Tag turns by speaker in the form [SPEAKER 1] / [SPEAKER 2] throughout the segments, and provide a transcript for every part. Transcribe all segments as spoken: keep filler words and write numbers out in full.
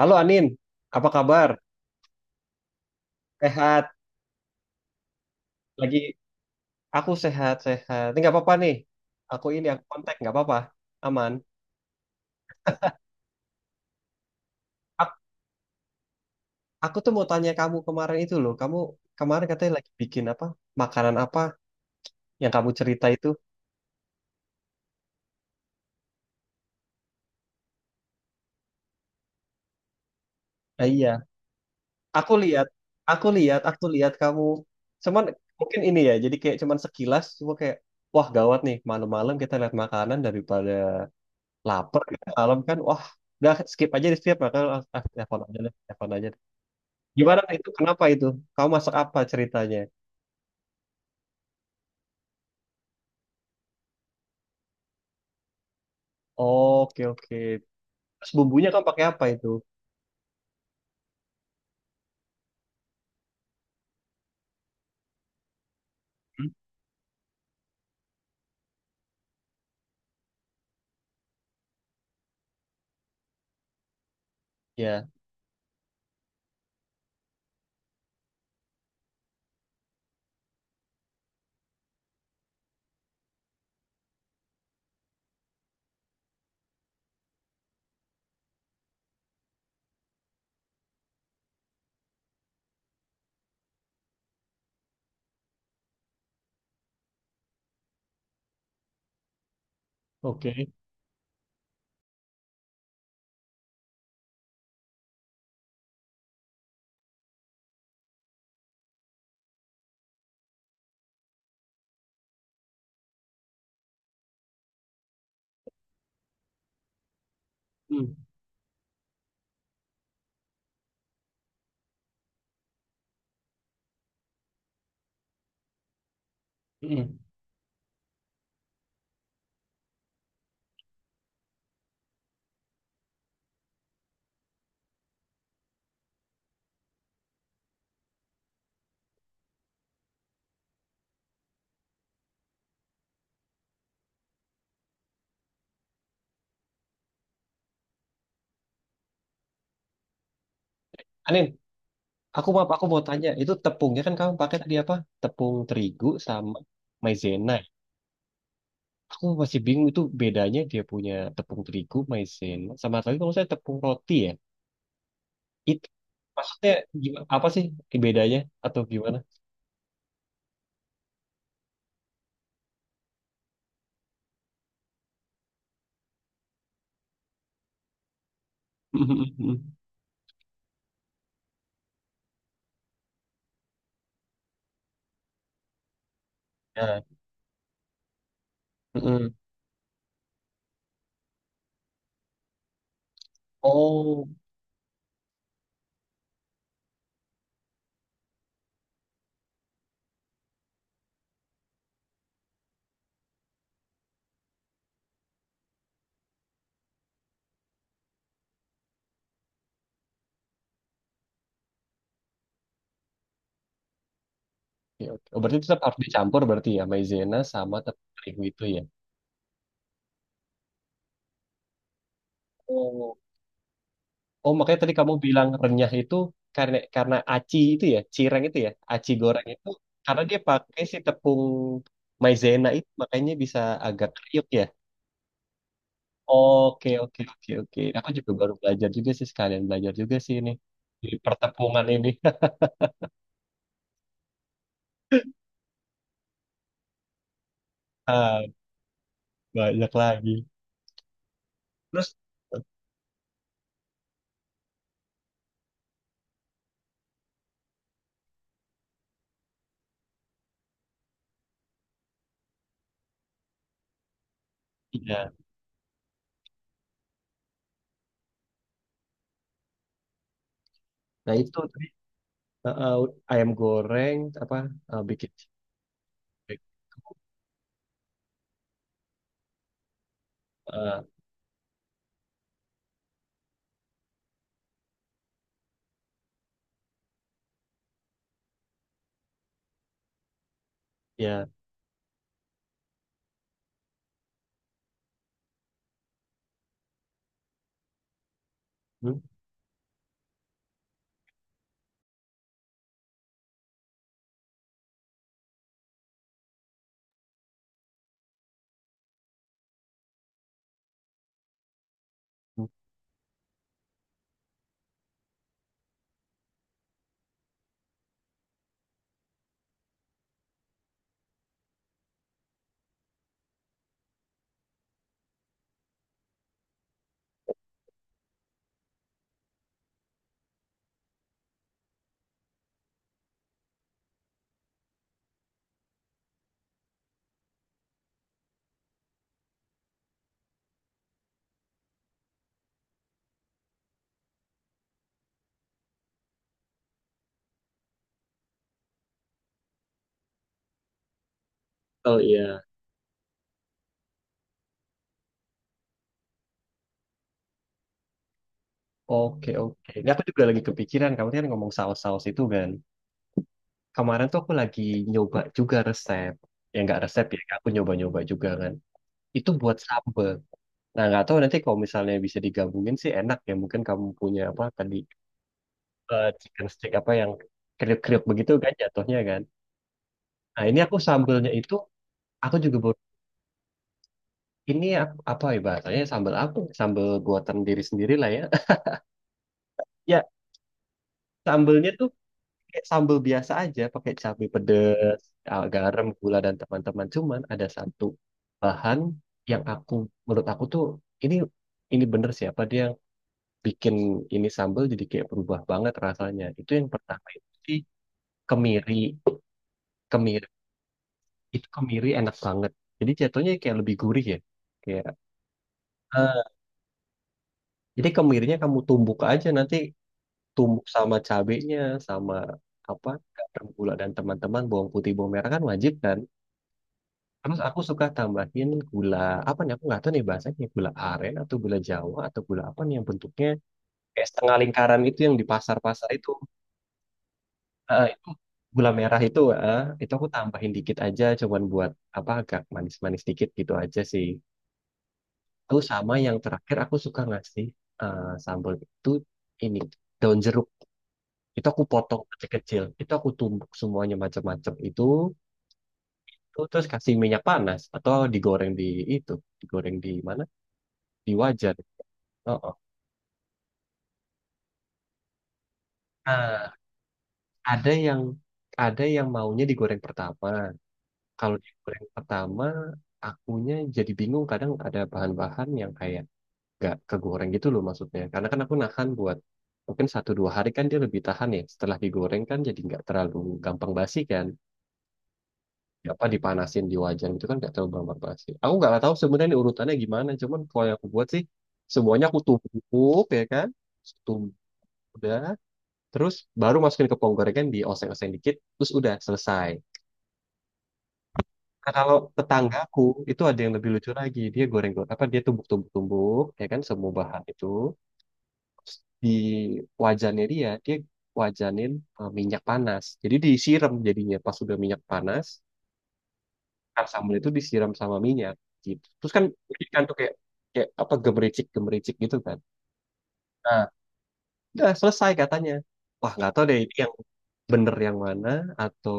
[SPEAKER 1] Halo Anin, apa kabar? Sehat? Lagi aku sehat-sehat. Ini nggak apa-apa nih. Aku ini aku kontak nggak apa-apa. Aman. Ak- Aku tuh mau tanya kamu kemarin itu loh. Kamu kemarin katanya lagi bikin apa? Makanan apa yang kamu cerita itu? Nah, iya. Aku lihat, aku lihat, aku lihat kamu. Cuman mungkin ini ya. Jadi kayak cuman sekilas. Cuma kayak wah gawat nih. Malam-malam kita lihat makanan daripada lapar. Malam kan wah udah skip aja di skip. Makanya ah, ah, telepon aja deh. Telepon aja. Gimana itu? Kenapa itu? Kamu masak apa ceritanya? Oke, oke. Terus bumbunya kamu pakai apa itu? Hmm? Ya, oke. Hmm. Hmm. Anin, aku maaf, aku mau tanya. Itu tepungnya kan kamu pakai tadi apa? Tepung terigu sama maizena. Aku masih bingung itu bedanya dia punya tepung terigu, maizena, sama tadi kalau saya tepung roti ya. Itu maksudnya gimana, apa sih bedanya atau gimana? Hmm, hmm, hmm, hmm. Ya. Mm-mm. Oh. Ya, oke. Oh, berarti tetap harus dicampur berarti ya maizena sama tepung terigu itu ya. Oh. Oh, makanya tadi kamu bilang renyah itu karena karena aci itu ya, cireng itu ya, aci goreng itu karena dia pakai si tepung maizena itu makanya bisa agak kriuk ya. Oke, oke, oke, oke. Aku juga baru belajar juga sih sekalian belajar juga sih ini di pertepungan ini. Ah, banyak lagi. Terus ya. Nah, itu tadi eh, eh, ayam goreng apa eh, bikin cireng. Ya, hmm, betul ya. Oke, oke. Ini aku juga lagi kepikiran, kamu kan ngomong saus-saus itu kan. Kemarin tuh aku lagi nyoba juga resep. Ya nggak resep ya, aku nyoba-nyoba juga kan. Itu buat sambal. Nah, nggak tahu nanti kalau misalnya bisa digabungin sih enak ya. Mungkin kamu punya apa tadi, eh, chicken stick apa yang kriuk-kriuk begitu kan jatuhnya kan. Nah, ini aku sambalnya itu, aku juga baru, ini aku- apa ya bahasanya, sambal aku. Sambal buatan diri sendiri lah ya. Ya, sambalnya tuh pakai sambal biasa aja, pakai cabai pedes, ah, garam, gula dan teman-teman. Cuman ada satu bahan yang aku menurut aku tuh ini ini bener siapa dia yang bikin ini sambal jadi kayak berubah banget rasanya. Itu yang pertama itu sih kemiri, kemiri itu kemiri enak banget. Jadi jatuhnya kayak lebih gurih ya. Kayak eh, jadi kemirinya kamu tumbuk aja nanti tumbuk sama cabenya sama apa garam gula dan teman-teman bawang putih bawang merah kan wajib kan. Terus aku suka tambahin gula apa nih? Aku nggak tahu nih bahasanya gula aren atau gula Jawa atau gula apa nih yang bentuknya kayak setengah lingkaran itu yang di pasar-pasar itu. Ah, itu gula merah itu, ah, itu aku tambahin dikit aja, cuman buat apa agak manis-manis dikit gitu aja sih. Terus sama yang terakhir aku suka ngasih eh, sambal itu ini daun jeruk. Itu aku potong kecil-kecil. Itu aku tumbuk semuanya macam-macam itu. Terus kasih minyak panas atau digoreng di itu, digoreng di mana? Di wajan. Oh, oh. Nah, ada yang ada yang maunya digoreng pertama. Kalau digoreng pertama, akunya jadi bingung kadang ada bahan-bahan yang kayak nggak kegoreng gitu loh maksudnya. Karena kan aku nahan buat mungkin satu dua hari kan dia lebih tahan ya. Setelah digoreng kan jadi nggak terlalu gampang basi kan. Ya, apa dipanasin di wajan itu kan nggak terlalu gampang basi. Aku nggak tahu sebenarnya ini urutannya gimana. Cuman kalau yang aku buat sih semuanya aku tumbuk ya kan. Tumbuk udah. Terus baru masukin ke pohon gorengan, dioseng-oseng dikit, terus udah selesai. Nah, kalau tetanggaku itu ada yang lebih lucu lagi. Dia goreng goreng apa dia tumbuk-tumbuk-tumbuk ya kan semua bahan itu. Terus di wajannya dia dia wajanin eh, minyak panas. Jadi disiram jadinya pas udah minyak panas, kan sambal itu disiram sama minyak gitu. Terus kan jadi kan tuh kayak kayak apa gemericik-gemericik gitu kan. Nah, udah selesai katanya. Wah, nggak tahu deh ini yang bener yang mana atau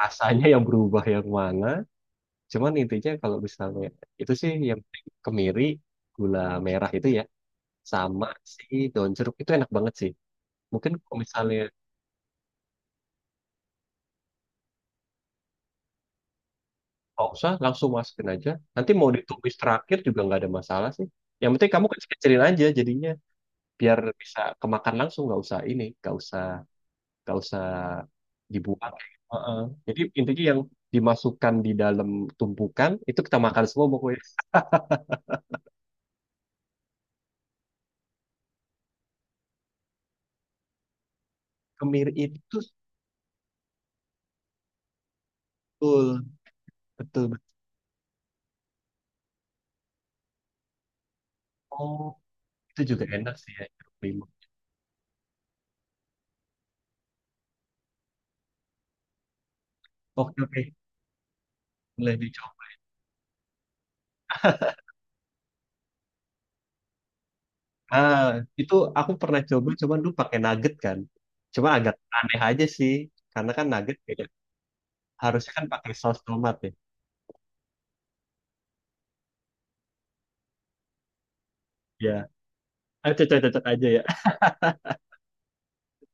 [SPEAKER 1] rasanya yang berubah yang mana. Cuman intinya kalau misalnya itu sih yang penting kemiri, gula merah itu ya, sama si daun jeruk itu enak banget sih. Mungkin kalau misalnya nggak usah langsung masukin aja. Nanti mau ditumis terakhir juga nggak ada masalah sih. Yang penting kamu kecil-kecilin aja jadinya biar bisa kemakan langsung nggak usah ini, nggak usah nggak usah dibuang. Heeh. Jadi intinya yang dimasukkan di dalam tumpukan itu kita makan semua pokoknya kemiri itu betul betul. Oh, itu juga enak sih ya jeruk limau. Oke, oke, boleh dicoba. Ah, itu aku pernah coba, cuman dulu pakai nugget kan. Cuma agak aneh aja sih, karena kan nugget kayak harusnya kan pakai saus tomat ya. Ya, ah, cocok-cocok aja ya.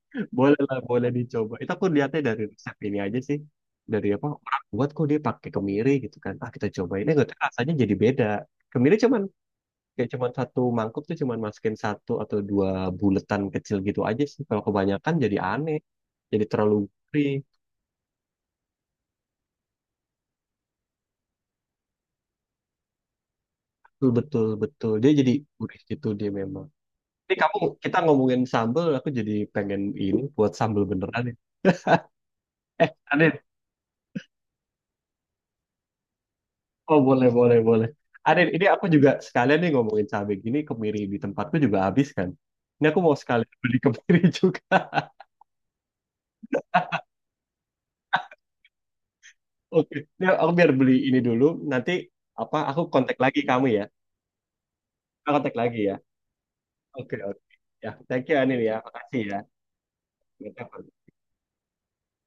[SPEAKER 1] Boleh lah, boleh dicoba. Itu aku lihatnya dari resep ini aja sih. Dari apa orang buat kok dia pakai kemiri gitu kan. Ah kita cobain, eh nggak tahu, rasanya jadi beda. Kemiri cuma kayak cuman satu mangkuk tuh cuman masukin satu atau dua buletan kecil gitu aja sih kalau kebanyakan jadi aneh jadi terlalu gurih betul betul betul dia jadi gurih gitu dia memang ini kamu kita ngomongin sambel aku jadi pengen ini buat sambel beneran nih eh Adit. Oh boleh boleh boleh Adit ini aku juga sekalian nih ngomongin cabai gini kemiri di tempatku juga habis kan ini aku mau sekalian beli kemiri juga. Oke ini aku biar beli ini dulu nanti apa aku kontak lagi kamu ya. Aku kontak lagi ya. Oke, oke. Ya, thank you Anil ya. Makasih ya. Kita